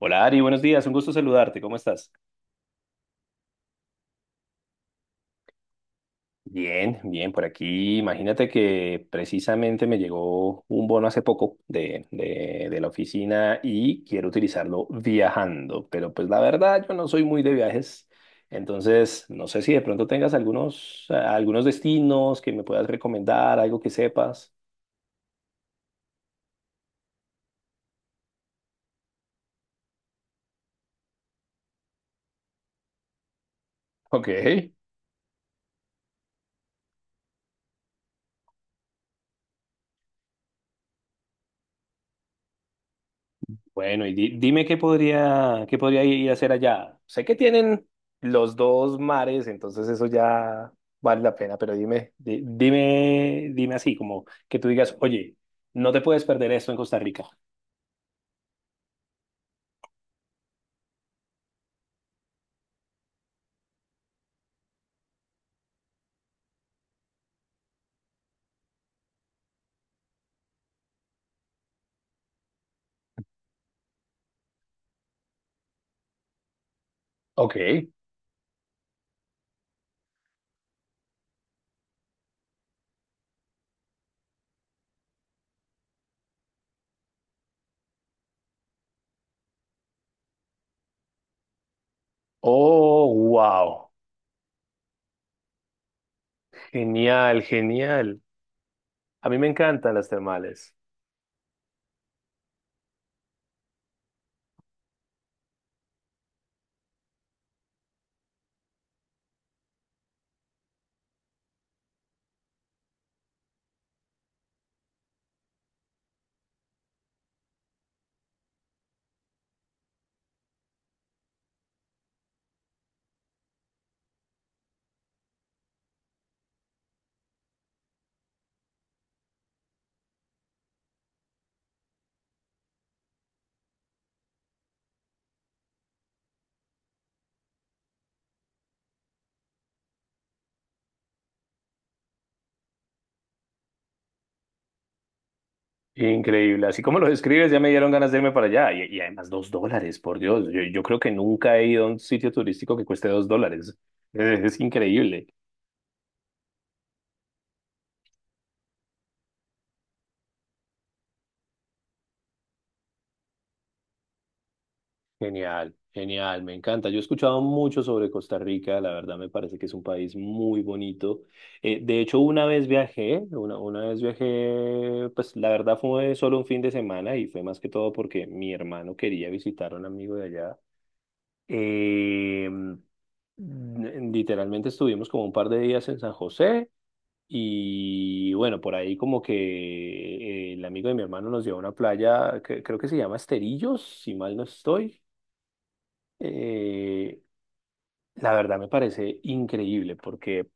Hola Ari, buenos días, un gusto saludarte, ¿cómo estás? Bien, bien, por aquí. Imagínate que precisamente me llegó un bono hace poco de la oficina y quiero utilizarlo viajando, pero pues la verdad yo no soy muy de viajes, entonces no sé si de pronto tengas algunos destinos que me puedas recomendar, algo que sepas. Ok. Bueno, y dime qué podría ir a hacer allá. Sé que tienen los dos mares, entonces eso ya vale la pena, pero dime así, como que tú digas, oye, no te puedes perder esto en Costa Rica. Ok. Oh, wow. Genial, genial. A mí me encantan las termales. Increíble. Así como lo describes, ya me dieron ganas de irme para allá. Y además, $2, por Dios. Yo creo que nunca he ido a un sitio turístico que cueste $2. Es increíble. Genial, genial, me encanta. Yo he escuchado mucho sobre Costa Rica, la verdad me parece que es un país muy bonito. De hecho, una vez viajé, pues la verdad fue solo un fin de semana y fue más que todo porque mi hermano quería visitar a un amigo de allá. Eh, n- Literalmente estuvimos como un par de días en San José y bueno, por ahí como que el amigo de mi hermano nos llevó a una playa, que, creo que se llama Esterillos, si mal no estoy. eh, la verdad me parece increíble porque,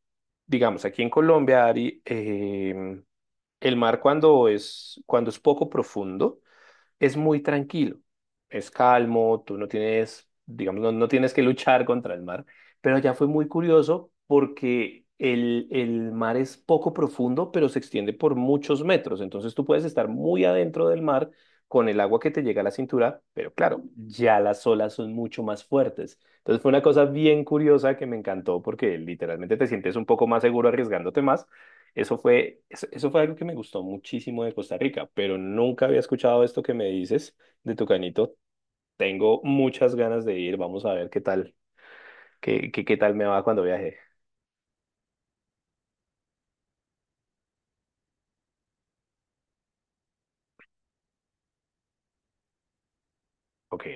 digamos, aquí en Colombia, Ari, el mar cuando es poco profundo, es muy tranquilo, es calmo, tú no tienes, digamos, no tienes que luchar contra el mar, pero allá fue muy curioso porque el mar es poco profundo, pero se extiende por muchos metros, entonces tú puedes estar muy adentro del mar con el agua que te llega a la cintura, pero claro, ya las olas son mucho más fuertes. Entonces fue una cosa bien curiosa que me encantó porque literalmente te sientes un poco más seguro arriesgándote más, eso fue algo que me gustó muchísimo de Costa Rica, pero nunca había escuchado esto que me dices de Tucanito. Tengo muchas ganas de ir, vamos a ver qué tal, qué tal me va cuando viaje. Ok,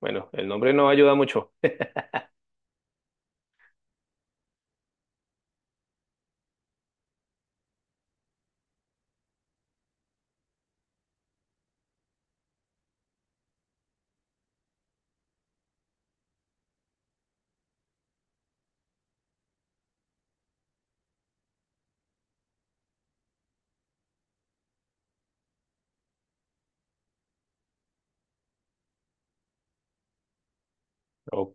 bueno, el nombre no ayuda mucho. Ok,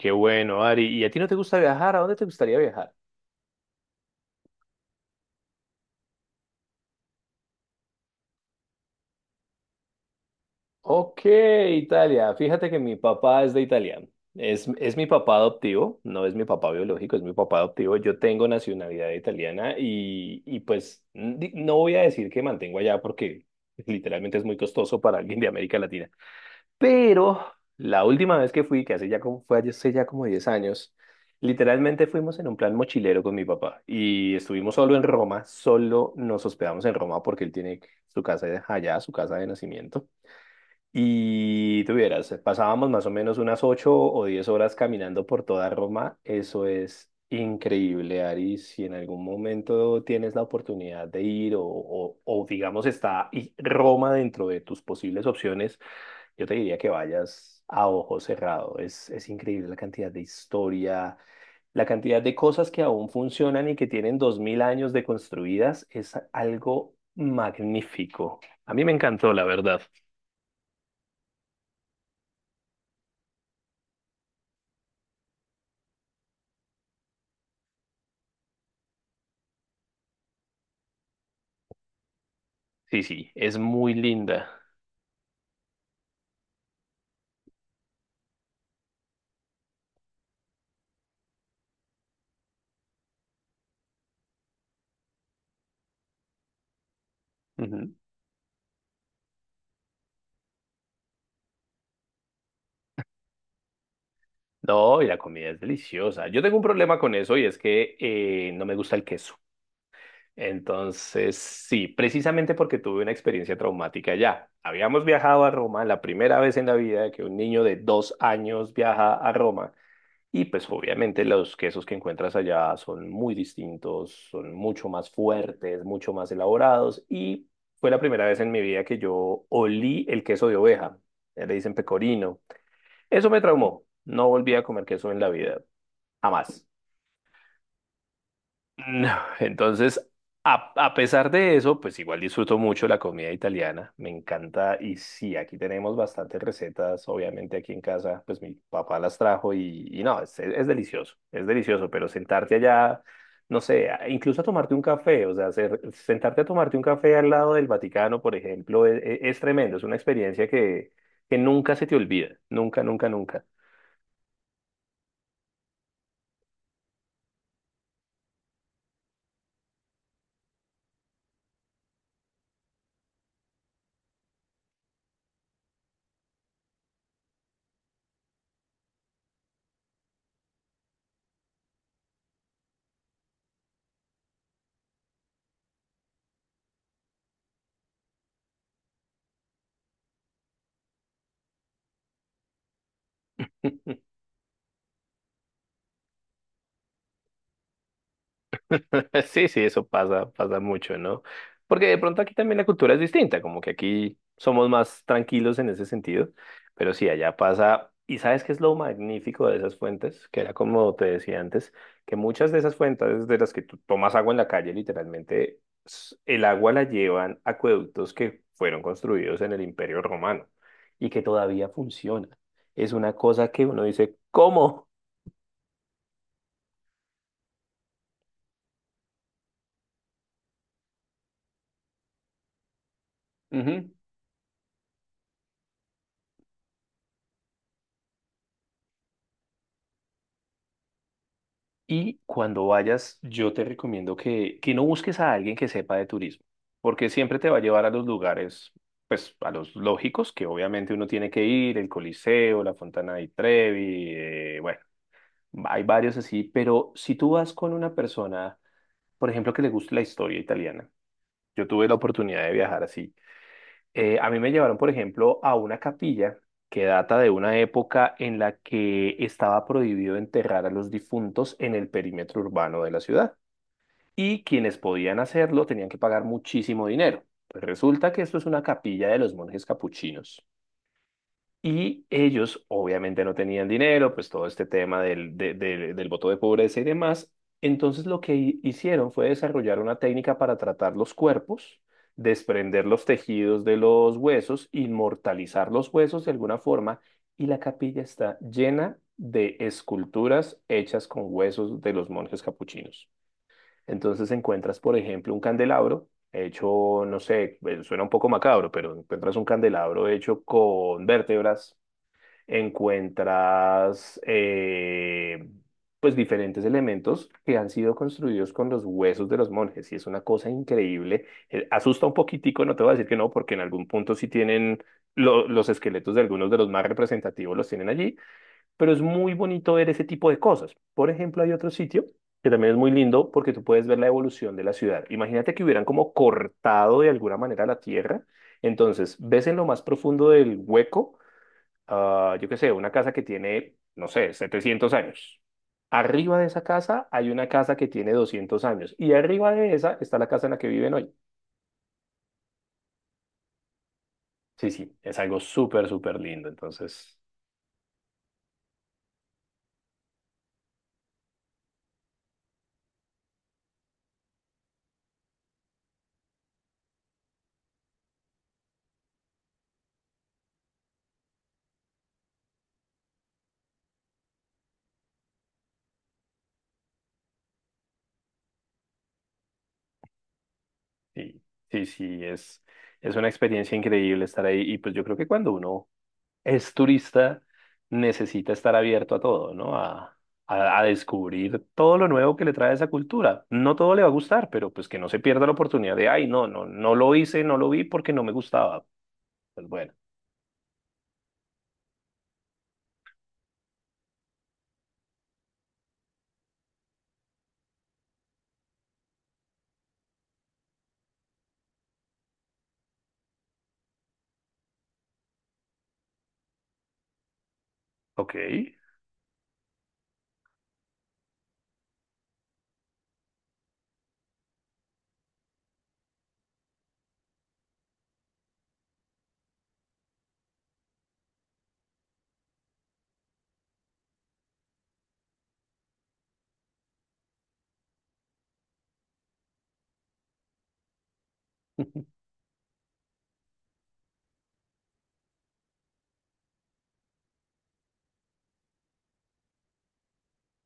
qué bueno, Ari. ¿Y a ti no te gusta viajar? ¿A dónde te gustaría viajar? Ok, Italia. Fíjate que mi papá es de Italia. Es mi papá adoptivo, no es mi papá biológico, es mi papá adoptivo. Yo tengo nacionalidad italiana y, y pues no voy a decir que mantengo allá porque literalmente es muy costoso para alguien de América Latina. Pero la última vez que fui, que hace ya como, fue hace ya como 10 años, literalmente fuimos en un plan mochilero con mi papá y estuvimos solo en Roma, solo nos hospedamos en Roma porque él tiene su casa allá, su casa de nacimiento. Y tuvieras, pasábamos más o menos unas 8 o 10 horas caminando por toda Roma. Eso es increíble, Ari. Si en algún momento tienes la oportunidad de ir o, digamos Roma dentro de tus posibles opciones, yo te diría que vayas a ojo cerrado. Es increíble la cantidad de historia, la cantidad de cosas que aún funcionan y que tienen 2000 años de construidas. Es algo magnífico. A mí me encantó, la verdad. Sí, sí, es muy linda. Ujú. No, y la comida es deliciosa. Yo tengo un problema con eso y es que no me gusta el queso. Entonces, sí, precisamente porque tuve una experiencia traumática allá. Habíamos viajado a Roma la primera vez en la vida que un niño de 2 años viaja a Roma y pues obviamente los quesos que encuentras allá son muy distintos, son mucho más fuertes, mucho más elaborados y fue la primera vez en mi vida que yo olí el queso de oveja. Le dicen pecorino. Eso me traumó. No volví a comer queso en la vida. Jamás. No. Entonces, a pesar de eso, pues igual disfruto mucho la comida italiana. Me encanta. Y sí, aquí tenemos bastantes recetas. Obviamente aquí en casa, pues mi papá las trajo y, no, es delicioso. Es delicioso, pero sentarte allá, no sé, incluso a tomarte un café, o sea, sentarte a tomarte un café al lado del Vaticano, por ejemplo, es, es tremendo. Es una experiencia que nunca se te olvida. Nunca, nunca, nunca. Sí, sí, eso pasa, pasa mucho, ¿no? Porque de pronto aquí también la cultura es distinta, como que aquí somos más tranquilos en ese sentido, pero sí, allá pasa, y ¿sabes qué es lo magnífico de esas fuentes? Que era como te decía antes, que muchas de esas fuentes de las que tú tomas agua en la calle, literalmente, el agua la llevan acueductos que fueron construidos en el Imperio Romano y que todavía funciona. Es una cosa que uno dice, ¿cómo? Y cuando vayas, yo te recomiendo que no busques a alguien que sepa de turismo, porque siempre te va a llevar a los lugares, pues a los lógicos, que obviamente uno tiene que ir, el Coliseo, la Fontana di Trevi, bueno, hay varios así, pero si tú vas con una persona, por ejemplo, que le guste la historia italiana, yo tuve la oportunidad de viajar así, a mí me llevaron, por ejemplo, a una capilla que data de una época en la que estaba prohibido enterrar a los difuntos en el perímetro urbano de la ciudad y quienes podían hacerlo tenían que pagar muchísimo dinero. Pues resulta que esto es una capilla de los monjes capuchinos. Y ellos obviamente no tenían dinero, pues todo este tema del voto de pobreza y demás. Entonces lo que hicieron fue desarrollar una técnica para tratar los cuerpos, desprender los tejidos de los huesos, inmortalizar los huesos de alguna forma. Y la capilla está llena de esculturas hechas con huesos de los monjes capuchinos. Entonces encuentras, por ejemplo, un candelabro hecho, no sé, suena un poco macabro, pero encuentras un candelabro hecho con vértebras, encuentras pues diferentes elementos que han sido construidos con los huesos de los monjes y es una cosa increíble. Asusta un poquitico, no te voy a decir que no, porque en algún punto sí tienen los esqueletos de algunos de los más representativos los tienen allí, pero es muy bonito ver ese tipo de cosas. Por ejemplo, hay otro sitio que también es muy lindo porque tú puedes ver la evolución de la ciudad. Imagínate que hubieran como cortado de alguna manera la tierra. Entonces, ves en lo más profundo del hueco, ah, yo qué sé, una casa que tiene, no sé, 700 años. Arriba de esa casa hay una casa que tiene 200 años y arriba de esa está la casa en la que viven hoy. Sí, sí, es algo súper, súper lindo. Entonces, sí, sí, sí, es una experiencia increíble estar ahí y pues yo creo que cuando uno es turista, necesita estar abierto a todo, ¿no? A descubrir todo lo nuevo que le trae esa cultura. No todo le va a gustar, pero pues que no se pierda la oportunidad de, ay, no, no, no lo hice, no lo vi porque no me gustaba. Pues bueno, ok.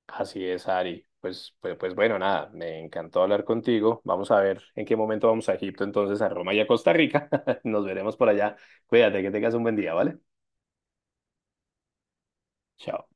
Así es, Ari. Pues bueno, nada, me encantó hablar contigo. Vamos a ver en qué momento vamos a Egipto, entonces a Roma y a Costa Rica. Nos veremos por allá. Cuídate, que tengas un buen día, ¿vale? Chao.